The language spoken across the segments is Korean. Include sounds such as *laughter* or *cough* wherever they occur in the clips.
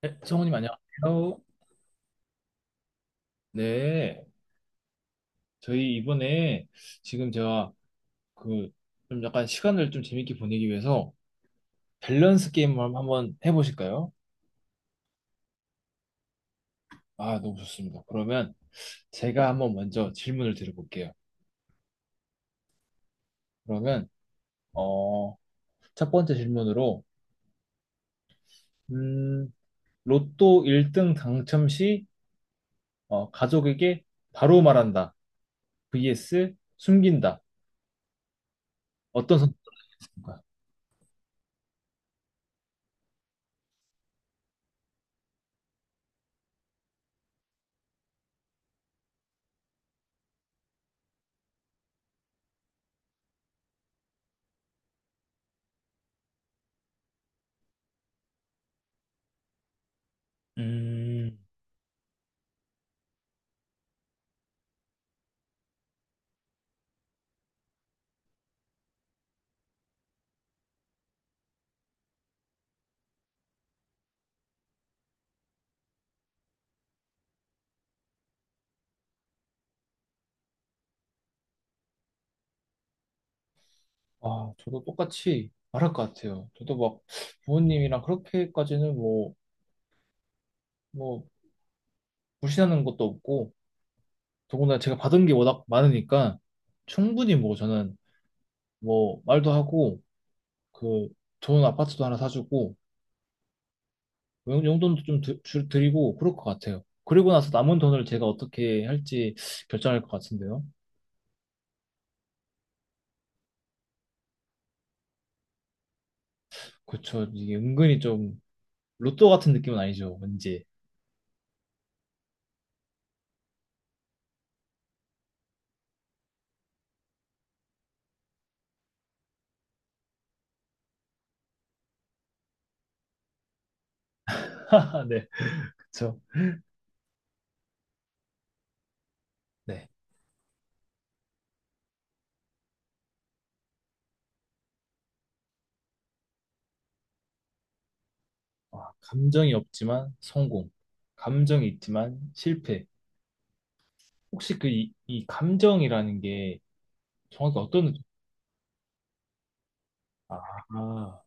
네, 성우님 안녕하세요. 네, 저희 이번에 지금 제가 그 좀 약간 시간을 좀 재밌게 보내기 위해서 밸런스 게임을 한번 해보실까요? 아, 너무 좋습니다. 그러면 제가 한번 먼저 질문을 드려볼게요. 그러면 어, 첫 번째 질문으로 음, 로또 1등 당첨 시 가족에게 바로 말한다. vs 숨긴다. 어떤 선택인가요? 음, 아, 저도 똑같이 말할 것 같아요. 저도 막 부모님이랑 그렇게까지는 뭐, 불신하는 것도 없고, 더군다나 제가 받은 게 워낙 많으니까, 충분히 뭐 저는 뭐, 말도 하고, 그, 좋은 아파트도 하나 사주고, 뭐 용돈도 좀 드리고, 그럴 것 같아요. 그리고 나서 남은 돈을 제가 어떻게 할지 결정할 것 같은데요. 그쵸. 이게 은근히 좀, 로또 같은 느낌은 아니죠. 왠지. *laughs* 네. 그쵸. 네. 와, 감정이 없지만 성공. 감정이 있지만 실패. 혹시 그 이 감정이라는 게 정확히 어떤 느낌? 아, 아,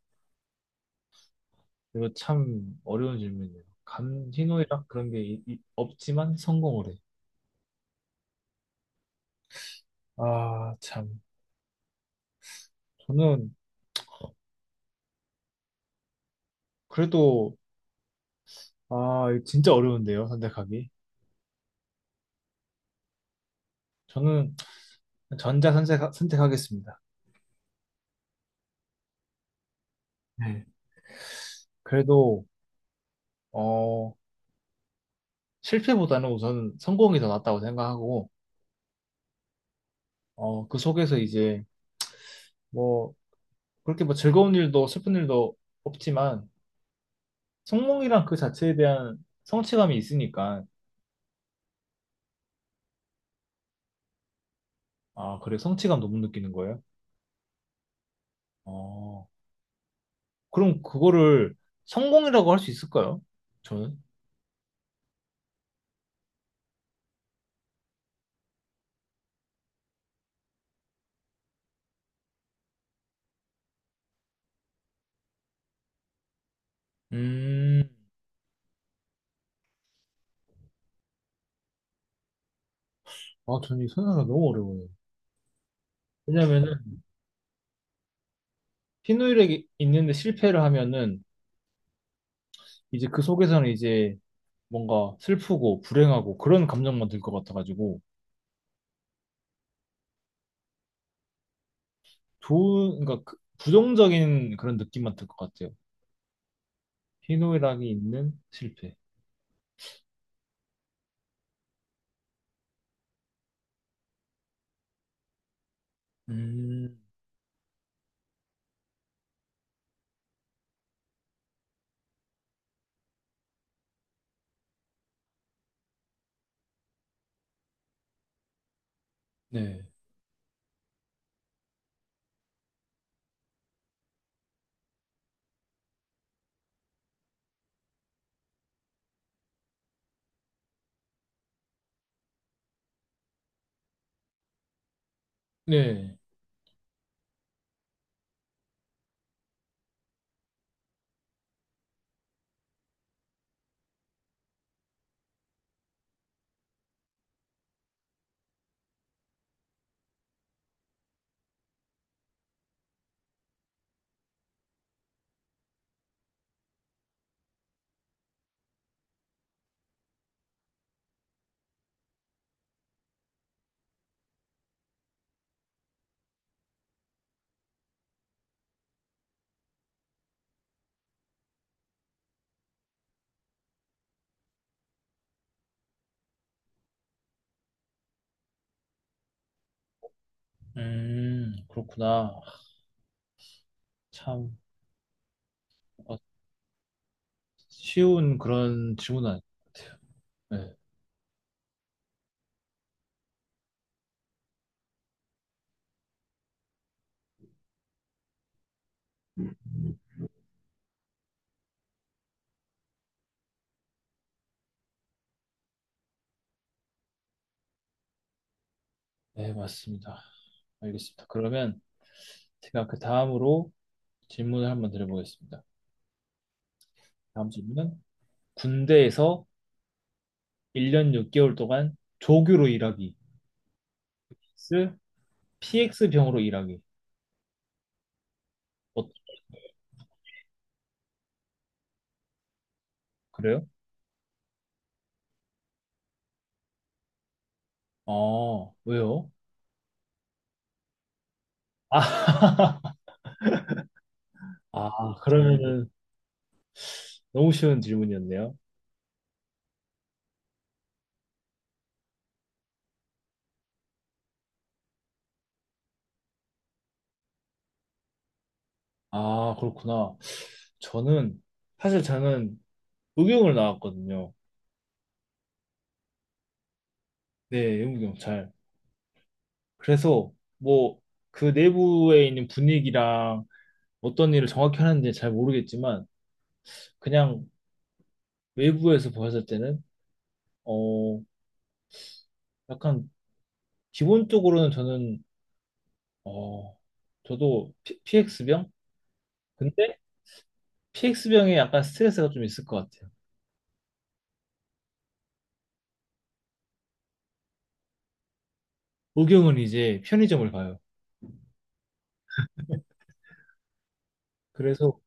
이거 참 어려운 질문이에요. 희노애락 그런 게 없지만 성공을 해. 아, 참. 저는 그래도 아, 이거 진짜 어려운데요, 선택하기. 저는 전자 선택하겠습니다. 네. 그래도 어, 실패보다는 우선 성공이 더 낫다고 생각하고 그 속에서 이제 뭐 그렇게 뭐 즐거운 일도 슬픈 일도 없지만 성몽이란 그 자체에 대한 성취감이 있으니까 아, 그래 성취감 너무 느끼는 거예요? 어. 그럼 그거를 성공이라고 할 수 있을까요? 저는? 음. 아, 저는 이선각이 너무 어려워요. 왜냐면은 희누일에 있는데 실패를 하면은 이제 그 속에서는 이제 뭔가 슬프고 불행하고 그런 감정만 들 것 같아가지고 좋은 그러니까 그 부정적인 그런 느낌만 들 것 같아요. 희노애락이 있는 실패. 음, 네. 네. 그렇구나. 참, 뭔가 쉬운 그런 질문은 아닌 것 같아요. 네. 네, 맞습니다. 알겠습니다. 그러면 제가 그 다음으로 질문을 한번 드려보겠습니다. 다음 질문은 군대에서 1년 6개월 동안 조교로 일하기, vs PX 병으로 일하기. 어, 그래요? 아, 왜요? 아, *laughs* 아, 그러면은 너무 쉬운 질문이었네요. 아, 그렇구나. 저는, 사실 저는 의경을 나왔거든요. 네, 의무경찰. 그래서, 뭐, 그 내부에 있는 분위기랑 어떤 일을 정확히 하는지 잘 모르겠지만, 그냥 외부에서 보았을 때는, 어, 약간, 기본적으로는 저는, 어, 저도 PX병? 근데 PX병에 약간 스트레스가 좀 있을 것 같아요. 의경은 이제 편의점을 가요. 그래서,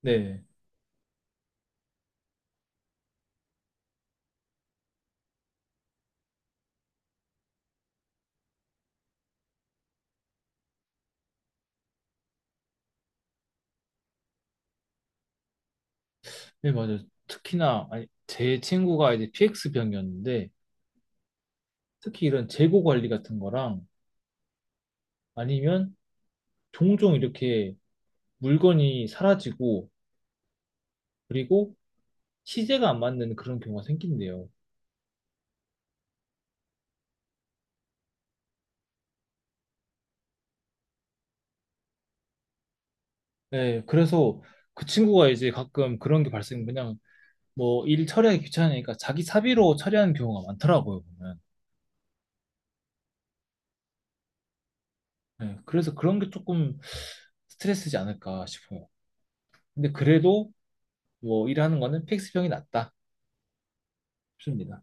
네. 네, 맞아요. 특히나, 아니, 제 친구가 이제 PX 병이었는데, 특히 이런 재고 관리 같은 거랑 아니면 종종 이렇게 물건이 사라지고, 그리고 시제가 안 맞는 그런 경우가 생긴대요. 네, 그래서 그 친구가 이제 가끔 그런 게 그냥 뭐 일 처리하기 귀찮으니까 자기 사비로 처리하는 경우가 많더라고요, 보면. 네, 그래서 그런 게 조금 스트레스지 않을까 싶어요. 근데 그래도 뭐 일하는 거는 PX 병이 낫다 싶습니다.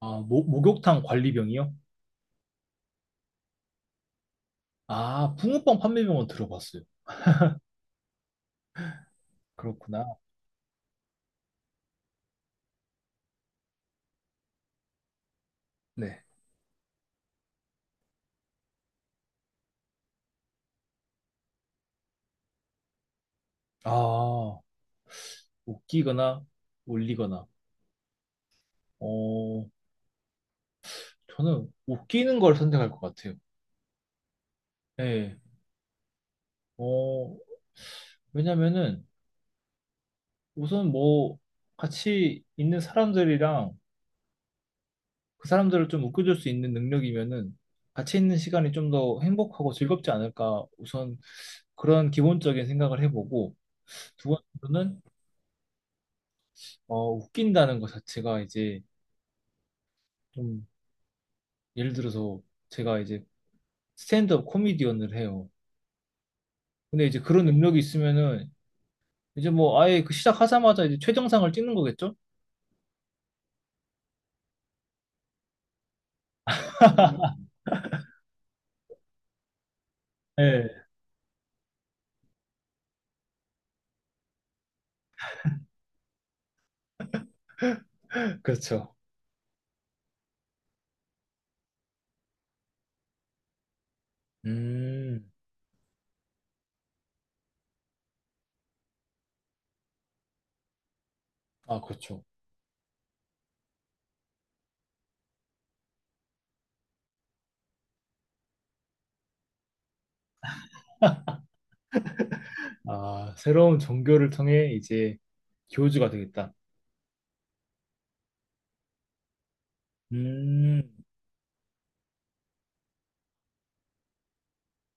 아, 목욕탕 관리병이요? 아, 붕어빵 판매병은 들어봤어요. 그렇구나. 네. 아, 웃기거나 올리거나. 어, 저는 웃기는 걸 선택할 것 같아요. 네. 어, 왜냐면은 우선 뭐 같이 있는 사람들이랑 그 사람들을 좀 웃겨줄 수 있는 능력이면은 같이 있는 시간이 좀 더 행복하고 즐겁지 않을까. 우선 그런 기본적인 생각을 해보고 두 번째로는 웃긴다는 것 자체가 이제 좀 예를 들어서 제가 이제 스탠드업 코미디언을 해요. 근데 이제 그런 능력이 있으면은 이제 뭐 아예 그 시작하자마자 이제 최정상을 찍는 거겠죠? 예, 그렇죠. 음, 아, 그렇죠. 아, 새로운 종교를 통해 이제 교주가 되겠다. 음,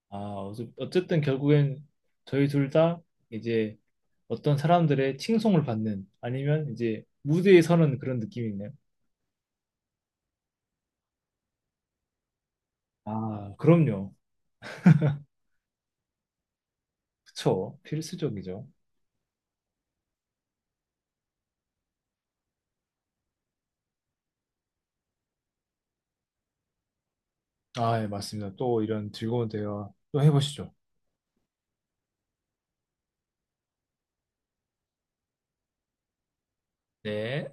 아, 어쨌든 결국엔 저희 둘 다 이제 어떤 사람들의 칭송을 받는 아니면 이제 무대에 서는 그런 느낌이네요. 아, 그럼요. 그쵸. 필수적이죠. 아, 예, 맞습니다. 또 이런 즐거운 대화 또 해보시죠. 네.